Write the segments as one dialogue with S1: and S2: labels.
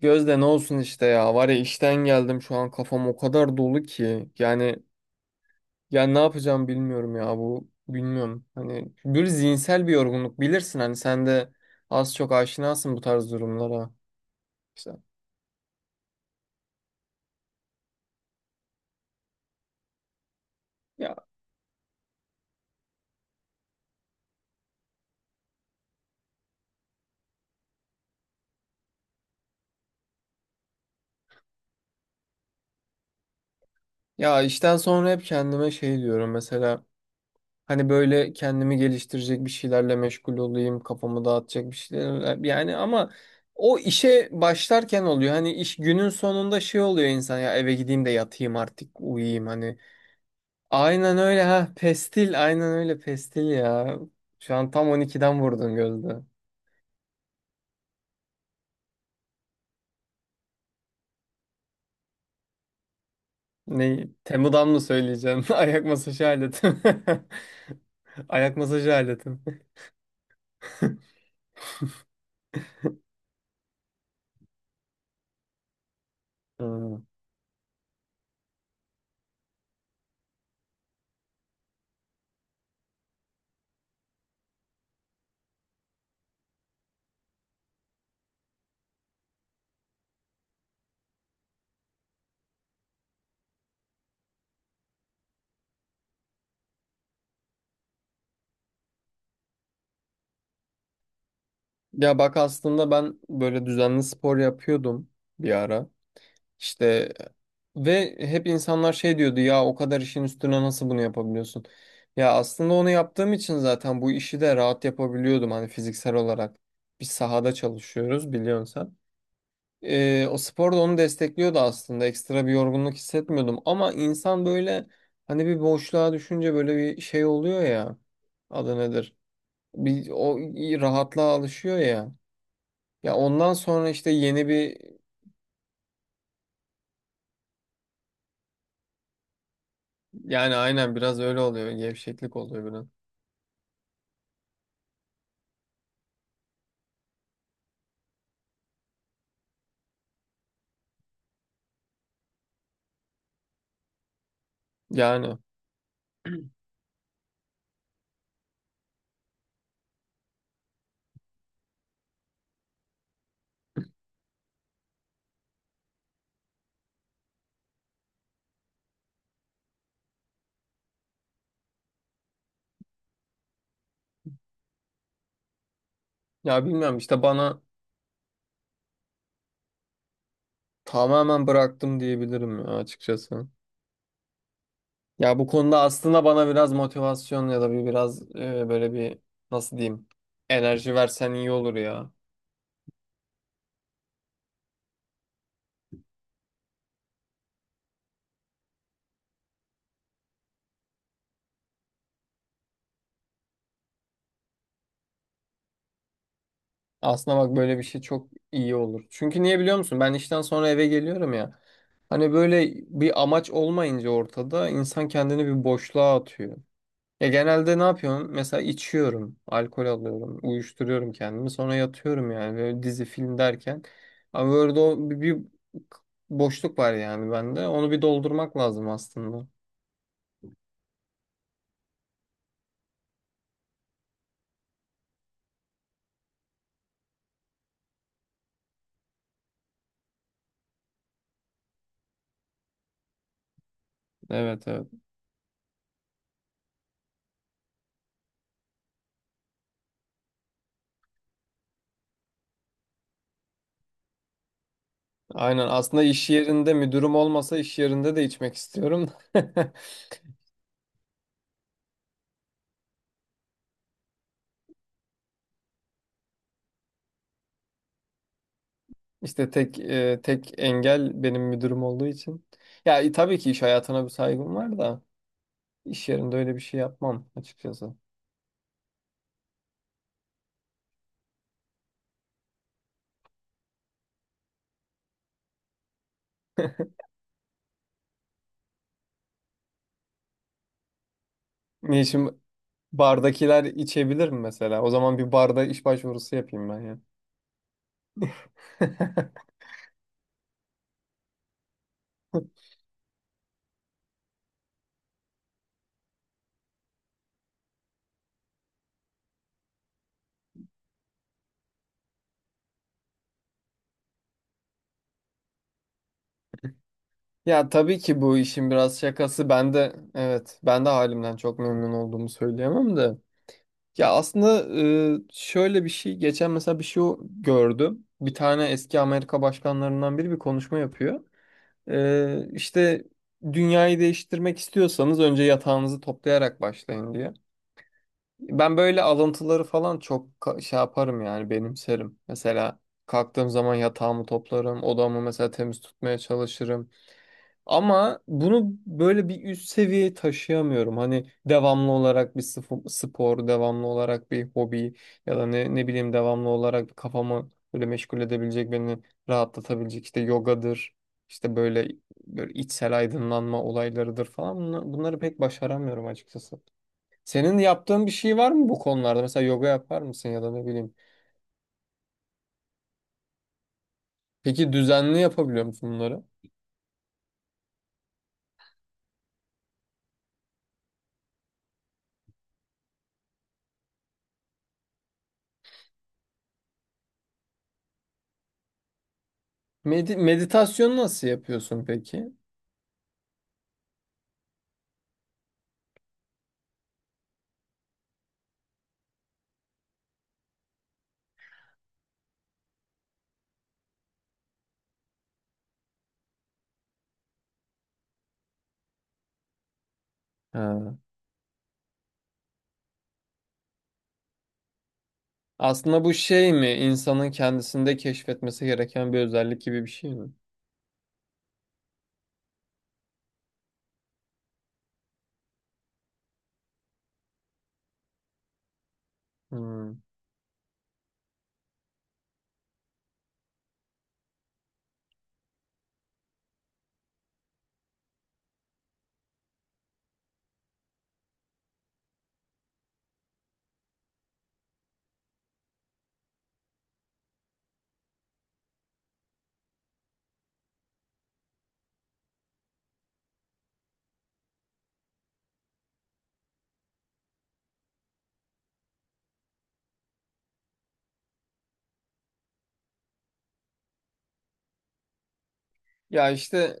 S1: Gözde, ne olsun işte ya. Var ya, işten geldim, şu an kafam o kadar dolu ki. Yani ne yapacağım bilmiyorum ya, bu, bilmiyorum. Hani bir zihinsel bir yorgunluk, bilirsin hani, sen de az çok aşinasın bu tarz durumlara işte. Ya ya işten sonra hep kendime şey diyorum mesela, hani böyle kendimi geliştirecek bir şeylerle meşgul olayım, kafamı dağıtacak bir şeyler, yani ama o işe başlarken oluyor. Hani iş günün sonunda şey oluyor insan, ya eve gideyim de yatayım artık, uyuyayım hani. Aynen öyle ha. Pestil. Aynen öyle pestil ya. Şu an tam 12'den vurdun, Gözde. Ne? Temu'dan mı söyleyeceğim? Ayak masajı aleti. Ayak masajı aleti. Hmm. Ya bak, aslında ben böyle düzenli spor yapıyordum bir ara. İşte, ve hep insanlar şey diyordu, ya o kadar işin üstüne nasıl bunu yapabiliyorsun? Ya aslında onu yaptığım için zaten bu işi de rahat yapabiliyordum hani, fiziksel olarak. Biz sahada çalışıyoruz, biliyorsun sen. O spor da onu destekliyordu aslında. Ekstra bir yorgunluk hissetmiyordum. Ama insan böyle hani bir boşluğa düşünce böyle bir şey oluyor ya. Adı nedir? Bir o rahatlığa alışıyor ya. Ya ondan sonra işte yeni bir... Yani aynen biraz öyle oluyor. Gevşeklik oluyor biraz. Yani, ya bilmiyorum işte bana, tamamen bıraktım diyebilirim ya açıkçası. Ya bu konuda aslında bana biraz motivasyon ya da bir biraz böyle bir, nasıl diyeyim, enerji versen iyi olur ya. Aslında bak, böyle bir şey çok iyi olur. Çünkü niye biliyor musun? Ben işten sonra eve geliyorum ya. Hani böyle bir amaç olmayınca ortada, insan kendini bir boşluğa atıyor. Ya genelde ne yapıyorum? Mesela içiyorum, alkol alıyorum, uyuşturuyorum kendimi. Sonra yatıyorum yani, böyle dizi film derken. Ama böyle o bir boşluk var yani bende. Onu bir doldurmak lazım aslında. Evet, evet. Aynen, aslında iş yerinde müdürüm olmasa iş yerinde de içmek istiyorum. İşte tek engel benim müdürüm olduğu için. Ya, tabii ki iş hayatına bir saygım var da iş yerinde öyle bir şey yapmam açıkçası. Ne işim... Bardakiler içebilir mi mesela? O zaman bir barda iş başvurusu yapayım ben ya. Ya tabii ki bu işin biraz şakası. Ben de, evet, ben de halimden çok memnun olduğumu söyleyemem de. Ya aslında, şöyle bir şey geçen mesela bir şey gördüm. Bir tane eski Amerika başkanlarından biri bir konuşma yapıyor. İşte dünyayı değiştirmek istiyorsanız önce yatağınızı toplayarak başlayın diye. Ben böyle alıntıları falan çok şey yaparım yani, benimserim. Mesela kalktığım zaman yatağımı toplarım, odamı mesela temiz tutmaya çalışırım. Ama bunu böyle bir üst seviyeye taşıyamıyorum. Hani devamlı olarak bir spor, devamlı olarak bir hobi, ya da ne, ne bileyim devamlı olarak kafamı böyle meşgul edebilecek, beni rahatlatabilecek, işte yogadır, işte böyle, böyle içsel aydınlanma olaylarıdır falan. Bunları pek başaramıyorum açıkçası. Senin yaptığın bir şey var mı bu konularda? Mesela yoga yapar mısın, ya da ne bileyim. Peki düzenli yapabiliyor musun bunları? Meditasyon nasıl yapıyorsun peki? Ha. Aslında bu şey mi? İnsanın kendisinde keşfetmesi gereken bir özellik gibi bir şey mi? Hmm. Ya işte...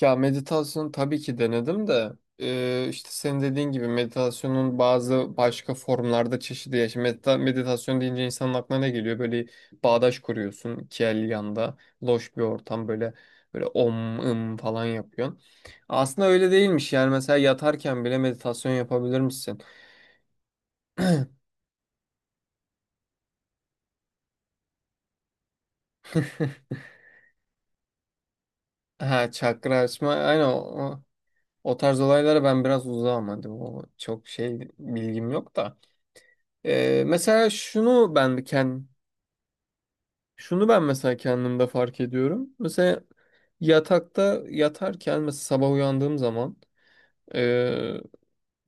S1: Ya meditasyon tabii ki denedim de işte senin dediğin gibi meditasyonun bazı başka formlarda çeşidi ya. Şimdi meditasyon deyince insanın aklına ne geliyor? Böyle bağdaş kuruyorsun, iki el yanda, loş bir ortam, böyle böyle om ım falan yapıyorsun. Aslında öyle değilmiş yani, mesela yatarken bile meditasyon yapabilir misin? Ha, çakra açma, aynen o tarz olaylara ben biraz uzağım, hadi o çok şey, bilgim yok da. Mesela şunu ben kendim... Şunu ben mesela kendimde fark ediyorum. Mesela yatakta yatarken mesela sabah uyandığım zaman, e,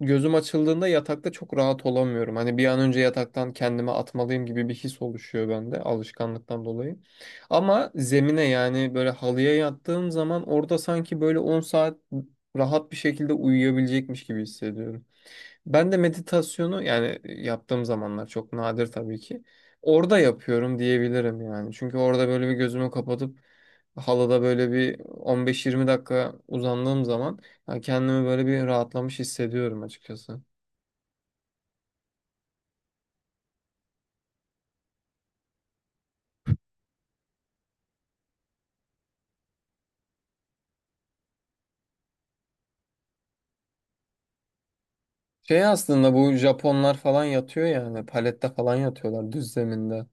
S1: gözüm açıldığında yatakta çok rahat olamıyorum. Hani bir an önce yataktan kendimi atmalıyım gibi bir his oluşuyor bende, alışkanlıktan dolayı. Ama zemine yani böyle halıya yattığım zaman, orada sanki böyle 10 saat rahat bir şekilde uyuyabilecekmiş gibi hissediyorum. Ben de meditasyonu yani yaptığım zamanlar çok nadir tabii ki. Orada yapıyorum diyebilirim yani. Çünkü orada böyle bir gözümü kapatıp halada böyle bir 15-20 dakika uzandığım zaman ya, kendimi böyle bir rahatlamış hissediyorum açıkçası. Şey, aslında bu Japonlar falan yatıyor yani, palette falan yatıyorlar düz zeminde.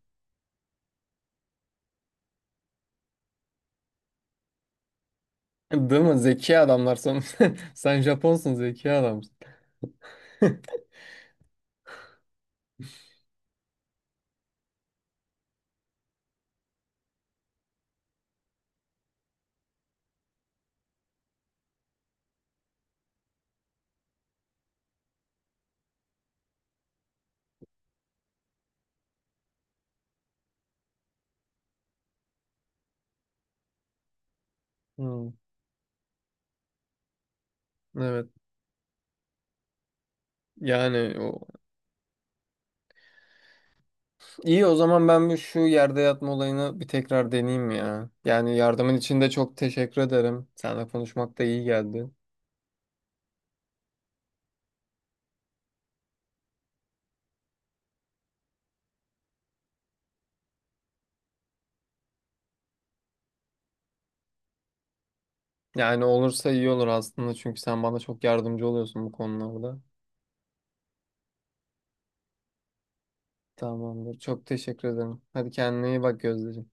S1: Değil mi? Zeki adamlar sen. Sen Japonsun, zeki adamsın. Hmm, evet. Yani o... iyi o zaman ben bir şu yerde yatma olayını bir tekrar deneyeyim ya. Yani yardımın için de çok teşekkür ederim. Seninle konuşmak da iyi geldi. Yani olursa iyi olur aslında çünkü sen bana çok yardımcı oluyorsun bu konularda. Tamamdır. Çok teşekkür ederim. Hadi kendine iyi bak Gözdeciğim.